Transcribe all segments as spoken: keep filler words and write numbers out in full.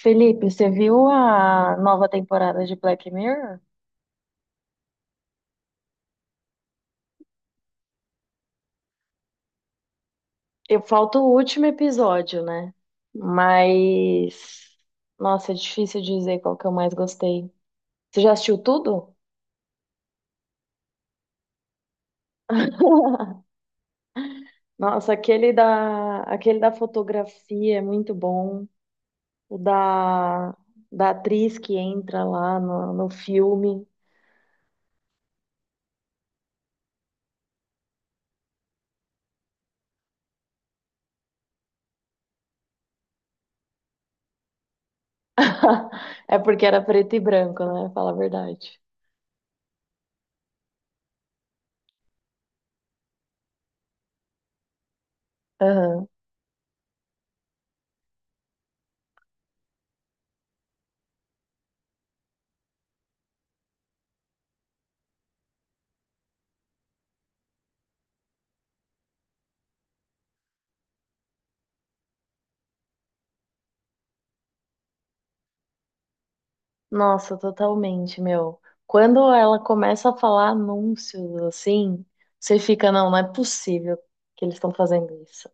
Felipe, você viu a nova temporada de Black Mirror? Eu falta o último episódio, né? Mas, nossa, é difícil dizer qual que eu mais gostei. Você já assistiu tudo? Nossa, aquele da, aquele da fotografia é muito bom. O da, da atriz que entra lá no, no filme. É porque era preto e branco, né? Fala a verdade. Nossa, totalmente, meu. Quando ela começa a falar anúncios assim, você fica, não, não é possível que eles estão fazendo isso.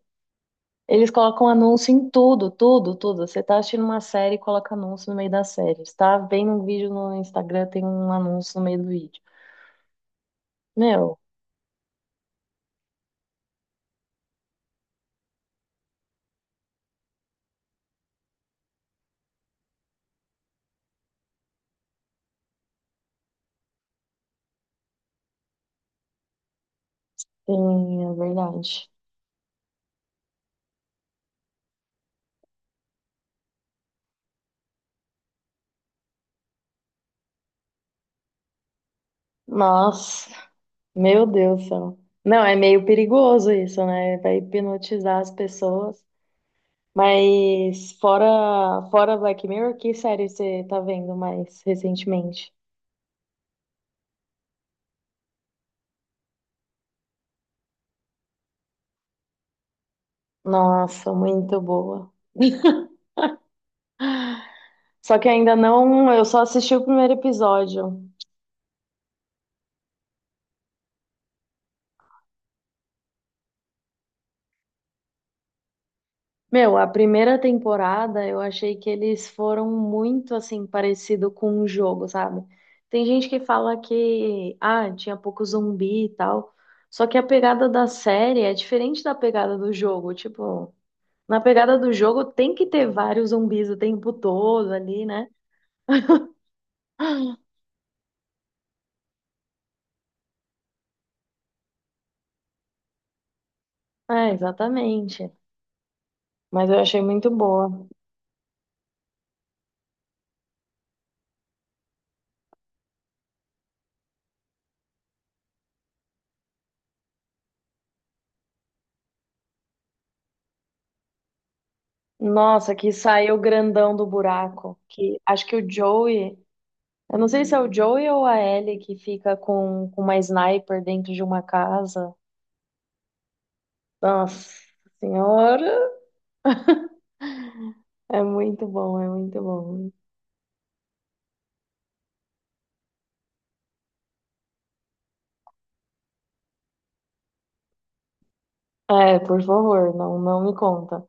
Eles colocam anúncio em tudo, tudo, tudo. Você tá assistindo uma série, e coloca anúncio no meio da série. Você tá vendo um vídeo no Instagram, tem um anúncio no meio do vídeo. Meu, tem, é verdade. Nossa, meu Deus do céu. Não, é meio perigoso isso, né? Vai hipnotizar as pessoas. Mas fora, fora Black Mirror, que série você tá vendo mais recentemente? Nossa, muito boa. Só que ainda não, eu só assisti o primeiro episódio. Meu, a primeira temporada eu achei que eles foram muito assim parecido com um jogo, sabe? Tem gente que fala que ah, tinha pouco zumbi e tal. Só que a pegada da série é diferente da pegada do jogo, tipo, na pegada do jogo tem que ter vários zumbis o tempo todo ali, né? É, exatamente. Mas eu achei muito boa. Nossa, que saiu grandão do buraco. Que acho que o Joey, eu não sei se é o Joey ou a Ellie que fica com, com uma sniper dentro de uma casa. Nossa senhora, é muito bom, é muito bom. É, por favor, não, não me conta.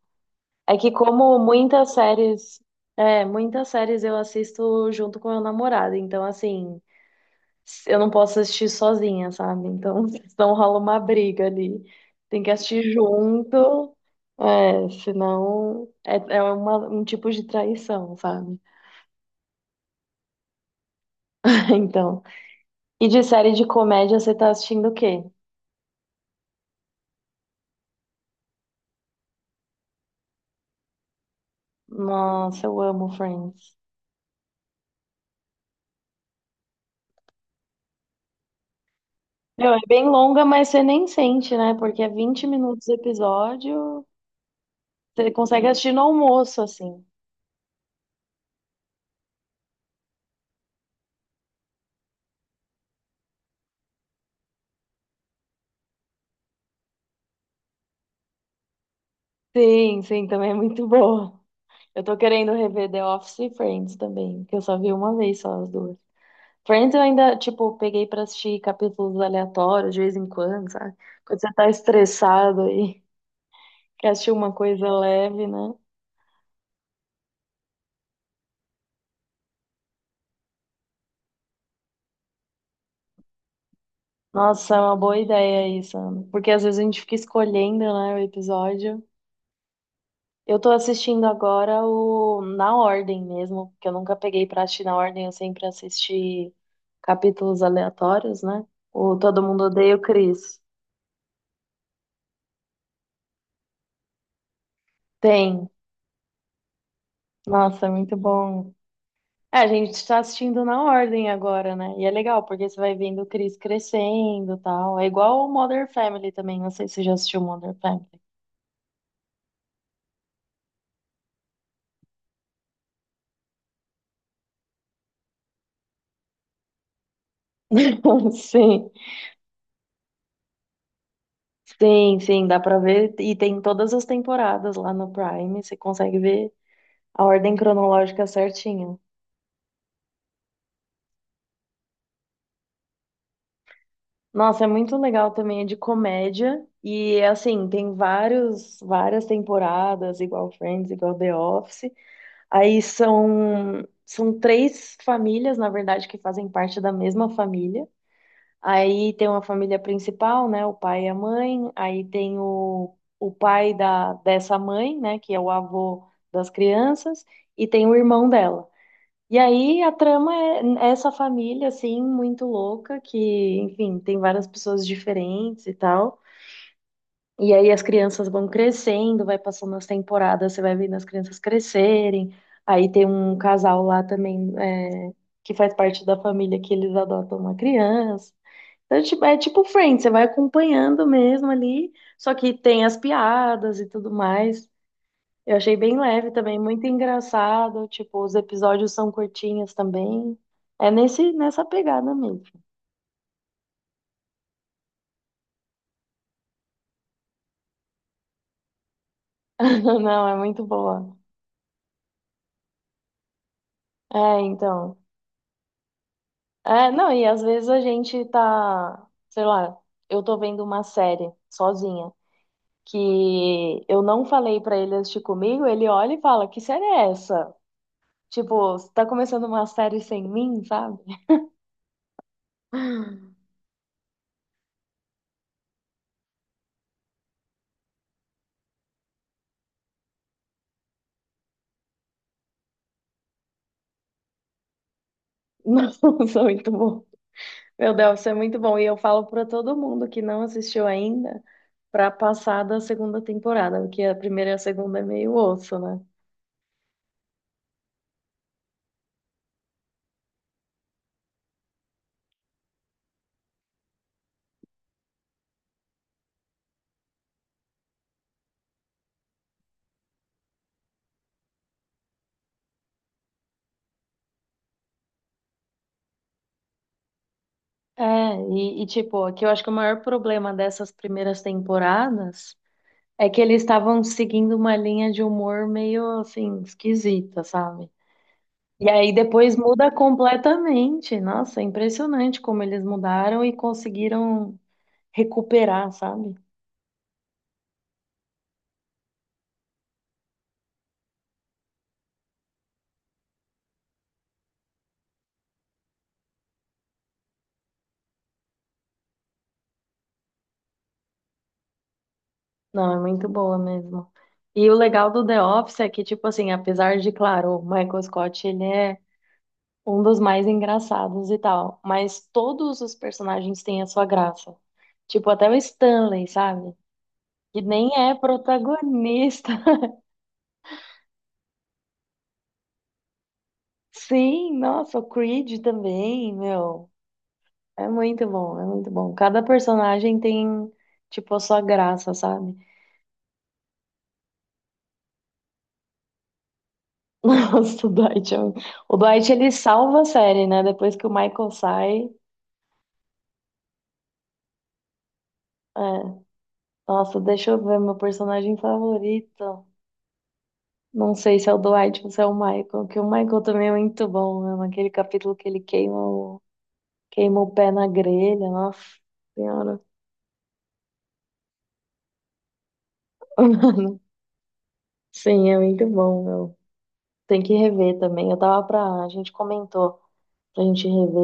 É que como muitas séries, é, muitas séries eu assisto junto com meu namorado, então assim, eu não posso assistir sozinha, sabe? Então, senão rola uma briga ali. Tem que assistir junto, é, senão é, é uma- um tipo de traição, sabe? Então. E de série de comédia, você tá assistindo o quê? Nossa, eu amo Friends. Meu, é bem longa, mas você nem sente, né? Porque é vinte minutos o episódio, você consegue assistir no almoço, assim. Sim, sim, também é muito boa. Eu tô querendo rever The Office e Friends também, que eu só vi uma vez só as duas. Friends eu ainda, tipo, peguei pra assistir capítulos aleatórios de vez em quando, sabe? Quando você tá estressado e quer assistir uma coisa leve, né? Nossa, é uma boa ideia isso, Ana. Porque às vezes a gente fica escolhendo, né, o episódio. Eu tô assistindo agora o na ordem mesmo, porque eu nunca peguei pra assistir na ordem, eu sempre assisti capítulos aleatórios, né? O Todo Mundo Odeia o Chris. Tem. Nossa, é muito bom. É, a gente está assistindo na ordem agora, né? E é legal, porque você vai vendo o Chris crescendo e tal. É igual o Modern Family também. Não sei se você já assistiu Modern Family. Sim, sim, sim, dá pra ver. E tem todas as temporadas lá no Prime. Você consegue ver a ordem cronológica certinho. Nossa, é muito legal também, é de comédia. E assim, tem vários, várias temporadas, igual Friends, igual The Office. Aí são, são três famílias, na verdade, que fazem parte da mesma família. Aí tem uma família principal, né? O pai e a mãe. Aí tem o, o pai da, dessa mãe, né? Que é o avô das crianças. E tem o irmão dela. E aí a trama é essa família, assim, muito louca, que, enfim, tem várias pessoas diferentes e tal. E aí as crianças vão crescendo, vai passando as temporadas, você vai vendo as crianças crescerem. Aí tem um casal lá também, é, que faz parte da família, que eles adotam uma criança. Então, é tipo, é tipo Friends, você vai acompanhando mesmo ali, só que tem as piadas e tudo mais. Eu achei bem leve também, muito engraçado. Tipo, os episódios são curtinhos também. É nesse, nessa pegada mesmo. Não, é muito boa. É, então. É, não, e às vezes a gente tá, sei lá, eu tô vendo uma série sozinha que eu não falei pra ele assistir comigo, ele olha e fala, que série é essa? Tipo, você tá começando uma série sem mim, sabe? Nossa, muito bom. Meu Deus, isso é muito bom. E eu falo pra todo mundo que não assistiu ainda pra passar da segunda temporada, porque a primeira e a segunda é meio osso, né? É, e, e tipo, aqui eu acho que o maior problema dessas primeiras temporadas. É que eles estavam seguindo uma linha de humor meio assim, esquisita, sabe? E aí depois muda completamente. Nossa, é impressionante como eles mudaram e conseguiram recuperar, sabe? Não, é muito boa mesmo. E o legal do The Office é que, tipo assim, apesar de, claro, o Michael Scott, ele é um dos mais engraçados e tal, mas todos os personagens têm a sua graça. Tipo, até o Stanley, sabe? Que nem é protagonista. Sim, nossa, o Creed também, meu. É muito bom, é muito bom. Cada personagem tem, tipo, a sua graça, sabe? Nossa, o Dwight, é um- o Dwight, ele salva a série, né? Depois que o Michael sai. É. Nossa, deixa eu ver, meu personagem favorito. Não sei se é o Dwight ou se é o Michael, que o Michael também é muito bom, né? Naquele capítulo que ele queima o, queima o pé na grelha, nossa senhora. Sim, é muito bom, meu. Tem que rever também. Eu tava pra. A gente comentou pra gente rever